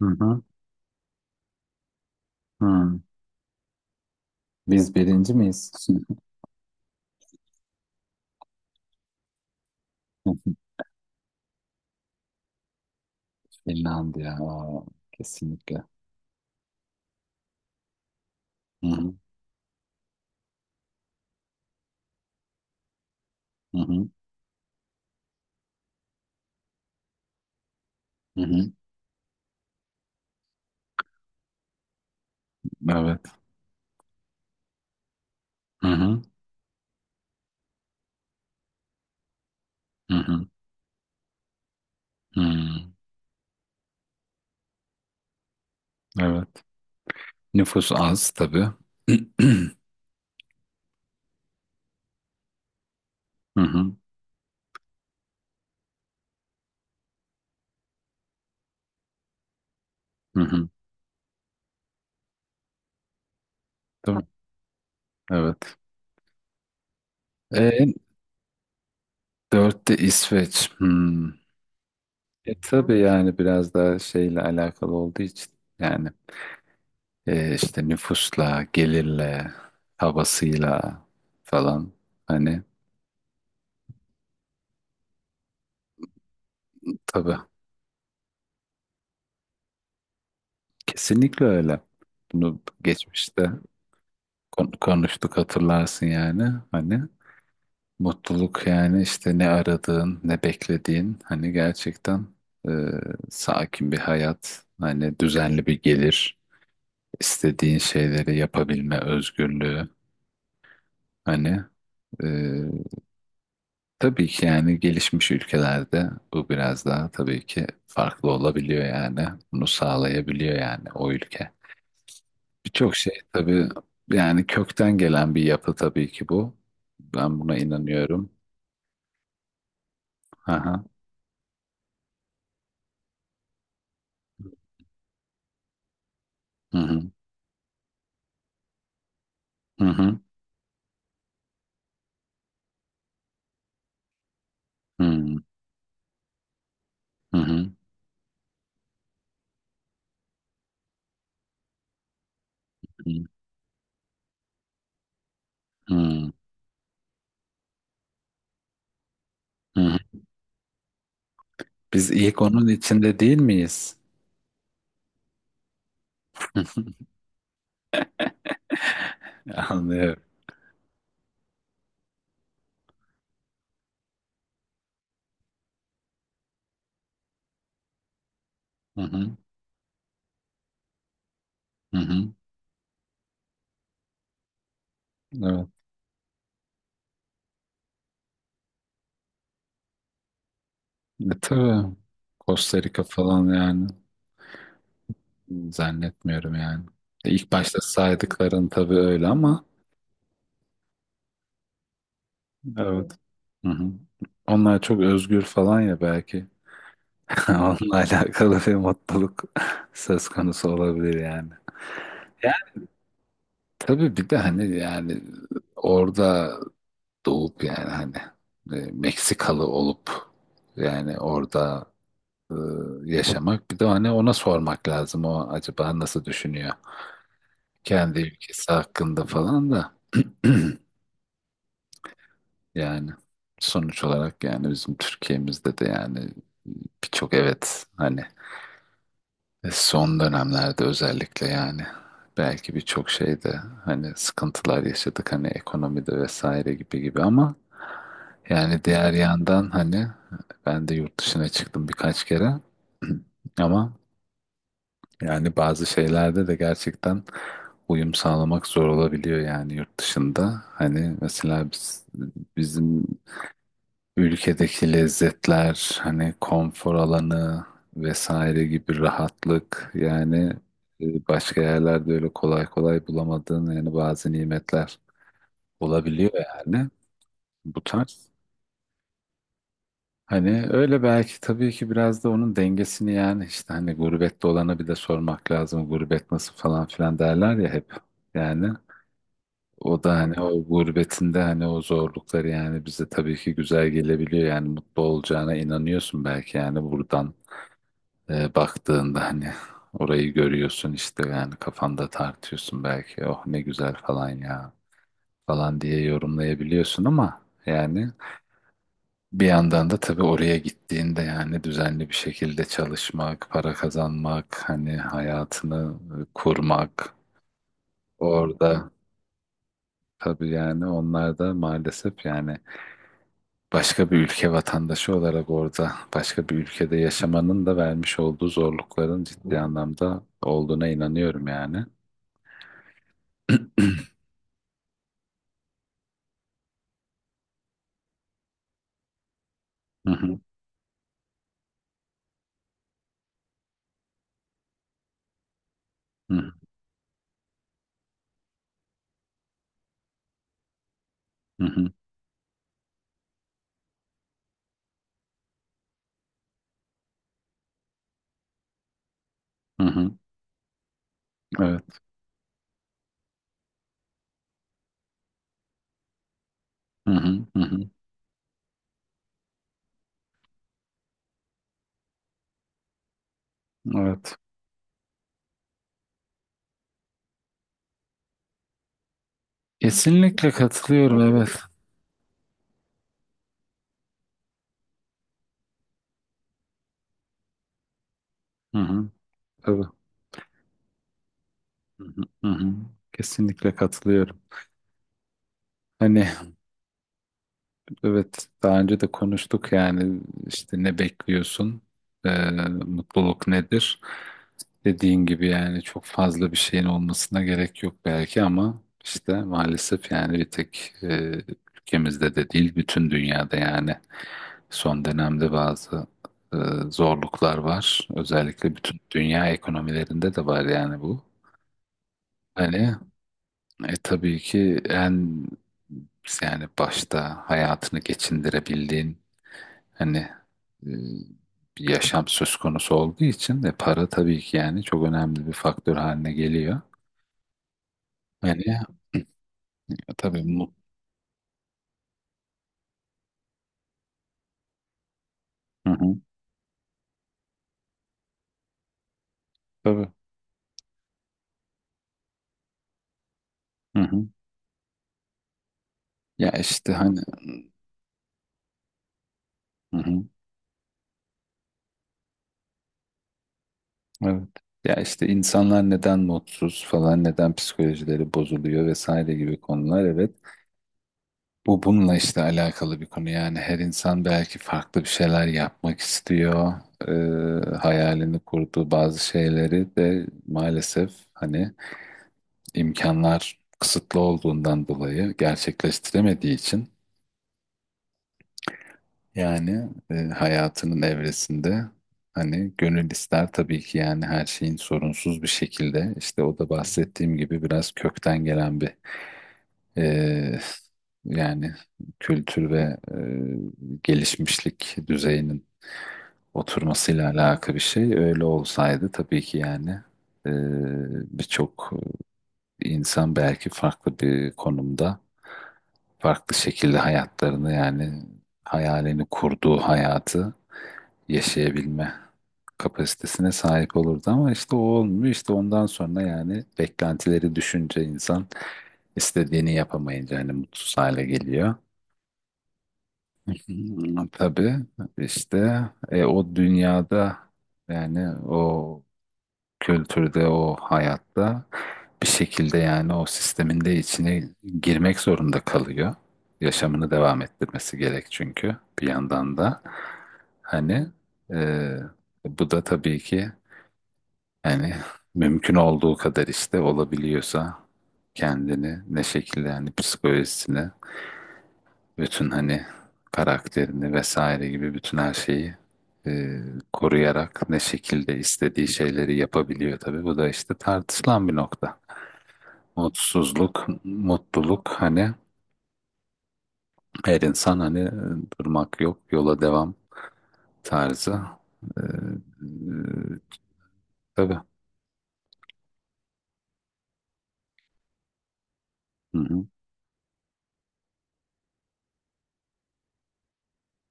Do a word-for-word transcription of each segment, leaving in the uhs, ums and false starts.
Hı hı. Hı. Biz birinci miyiz? Finlandiya. Aa, kesinlikle. Hı hı. Hı hı. Hı hı. Evet. Hı hı. Hı hı. Hı. Evet. Nüfus az tabii. Hı hı. Hı hı. Değil mi? Evet. E, Dörtte İsveç. Hmm. E, tabii yani biraz daha şeyle alakalı olduğu için yani e, işte nüfusla, gelirle, havasıyla falan hani tabii. Kesinlikle öyle. Bunu geçmişte kon- konuştuk hatırlarsın yani. Hani mutluluk yani işte ne aradığın, ne beklediğin hani gerçekten e, sakin bir hayat, hani düzenli bir gelir, istediğin şeyleri yapabilme özgürlüğü hani e, tabii ki yani gelişmiş ülkelerde bu biraz daha tabii ki farklı olabiliyor yani. Bunu sağlayabiliyor yani o ülke. Birçok şey tabii yani kökten gelen bir yapı tabii ki bu. Ben buna inanıyorum. Aha. Hı hı. Hı hı. Hı hı. Hı hı. Hı hı. Hı hı. Biz ilk onun içinde değil miyiz? Anlıyorum. Hı hı. Hı hı. Evet. E, tabii Costa Rica falan yani zannetmiyorum yani. E, İlk başta saydıkların tabii öyle ama evet. Hı hı. Onlar çok özgür falan ya belki. Onunla alakalı bir mutluluk söz konusu olabilir yani. Yani tabii bir de hani yani orada doğup yani hani e, Meksikalı olup yani orada e, yaşamak bir de hani ona sormak lazım o acaba nasıl düşünüyor kendi ülkesi hakkında falan da yani sonuç olarak yani bizim Türkiye'mizde de yani birçok evet hani. E, Son dönemlerde özellikle yani belki birçok şeyde hani sıkıntılar yaşadık hani ekonomide vesaire gibi gibi ama yani diğer yandan hani ben de yurt dışına çıktım birkaç kere. Ama yani bazı şeylerde de gerçekten uyum sağlamak zor olabiliyor yani yurt dışında. Hani mesela biz, bizim ülkedeki lezzetler, hani konfor alanı vesaire gibi rahatlık yani e, başka yerlerde öyle kolay kolay bulamadığın yani bazı nimetler olabiliyor yani bu tarz. Hani öyle belki tabii ki biraz da onun dengesini yani işte hani gurbette olana bir de sormak lazım, gurbet nasıl falan filan derler ya hep yani. O da hani o gurbetinde hani o zorlukları yani bize tabii ki güzel gelebiliyor yani mutlu olacağına inanıyorsun belki yani buradan E, baktığında hani orayı görüyorsun işte yani kafanda tartıyorsun belki oh ne güzel falan ya falan diye yorumlayabiliyorsun ama yani bir yandan da tabii oraya gittiğinde yani düzenli bir şekilde çalışmak, para kazanmak, hani hayatını e, kurmak orada tabii yani onlar da maalesef yani başka bir ülke vatandaşı olarak orada başka bir ülkede yaşamanın da vermiş olduğu zorlukların ciddi anlamda olduğuna inanıyorum yani. Hı hı, hı hı, hı hı, hı hı. Evet. Hı hı, hı hı. Evet. Kesinlikle katılıyorum. Evet. Hı hı. Tabii. Hı hı, hı hı. Kesinlikle katılıyorum. Hani evet daha önce de konuştuk yani işte ne bekliyorsun? Ee, mutluluk nedir? Dediğin gibi yani çok fazla bir şeyin olmasına gerek yok belki ama işte maalesef yani bir tek e, ülkemizde de değil bütün dünyada yani. Son dönemde bazı e, zorluklar var. Özellikle bütün dünya ekonomilerinde de var yani bu. Hani e, tabii ki en yani başta hayatını geçindirebildiğin hani e, bir yaşam söz konusu olduğu için de para tabii ki yani çok önemli bir faktör haline geliyor. Hani tabii mut, hı hı, tabii hı hı. Ya işte hani hı hı. Evet. Ya işte insanlar neden mutsuz falan, neden psikolojileri bozuluyor vesaire gibi konular, evet. Bu bununla işte alakalı bir konu yani her insan belki farklı bir şeyler yapmak istiyor. Ee, hayalini kurduğu bazı şeyleri de maalesef hani imkanlar kısıtlı olduğundan dolayı gerçekleştiremediği için yani e, hayatının evresinde hani gönül ister tabii ki yani her şeyin sorunsuz bir şekilde işte o da bahsettiğim gibi biraz kökten gelen bir e, yani kültür ve e, gelişmişlik düzeyinin oturmasıyla alakalı bir şey. Öyle olsaydı tabii ki yani e, birçok İnsan belki farklı bir konumda farklı şekilde hayatlarını yani hayalini kurduğu hayatı yaşayabilme kapasitesine sahip olurdu ama işte o olmuyor. İşte ondan sonra yani beklentileri düşünce insan istediğini yapamayınca hani mutsuz hale geliyor. Hmm, tabii işte e, o dünyada yani o kültürde, o hayatta bir şekilde yani o sistemin de içine girmek zorunda kalıyor. Yaşamını devam ettirmesi gerek, çünkü bir yandan da hani e, bu da tabii ki yani mümkün olduğu kadar işte olabiliyorsa kendini ne şekilde yani psikolojisini bütün hani karakterini vesaire gibi bütün her şeyi e, koruyarak ne şekilde istediği şeyleri yapabiliyor tabii. Bu da işte tartışılan bir nokta. Mutsuzluk, mutluluk hani her insan hani e, durmak yok, yola devam tarzı. E, e, tabii. Hı hı,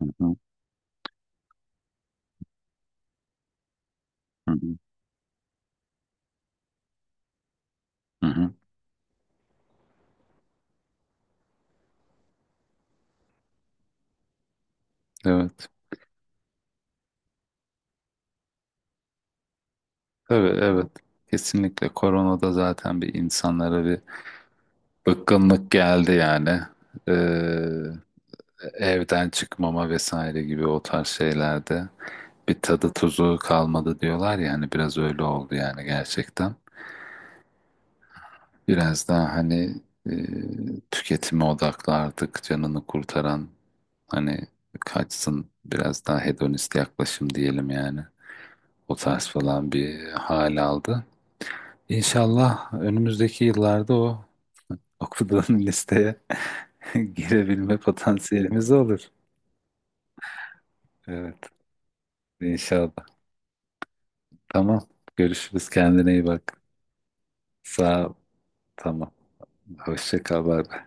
hı hı, hı hı, hı hı. Evet. Tabii, evet. Kesinlikle koronada zaten bir insanlara bir bıkkınlık geldi yani. Evden çıkmama vesaire gibi o tarz şeylerde bir tadı tuzu kalmadı diyorlar ya, hani biraz öyle oldu yani gerçekten. Biraz daha hani e, tüketime odaklardık canını kurtaran hani kaçsın, biraz daha hedonist yaklaşım diyelim yani. O tarz falan bir hal aldı. İnşallah önümüzdeki yıllarda o okuduğun listeye girebilme potansiyelimiz olur. Evet, inşallah. Tamam. Görüşürüz. Kendine iyi bak. Sağ ol. Tamam. Hoşça kal. Bay bay.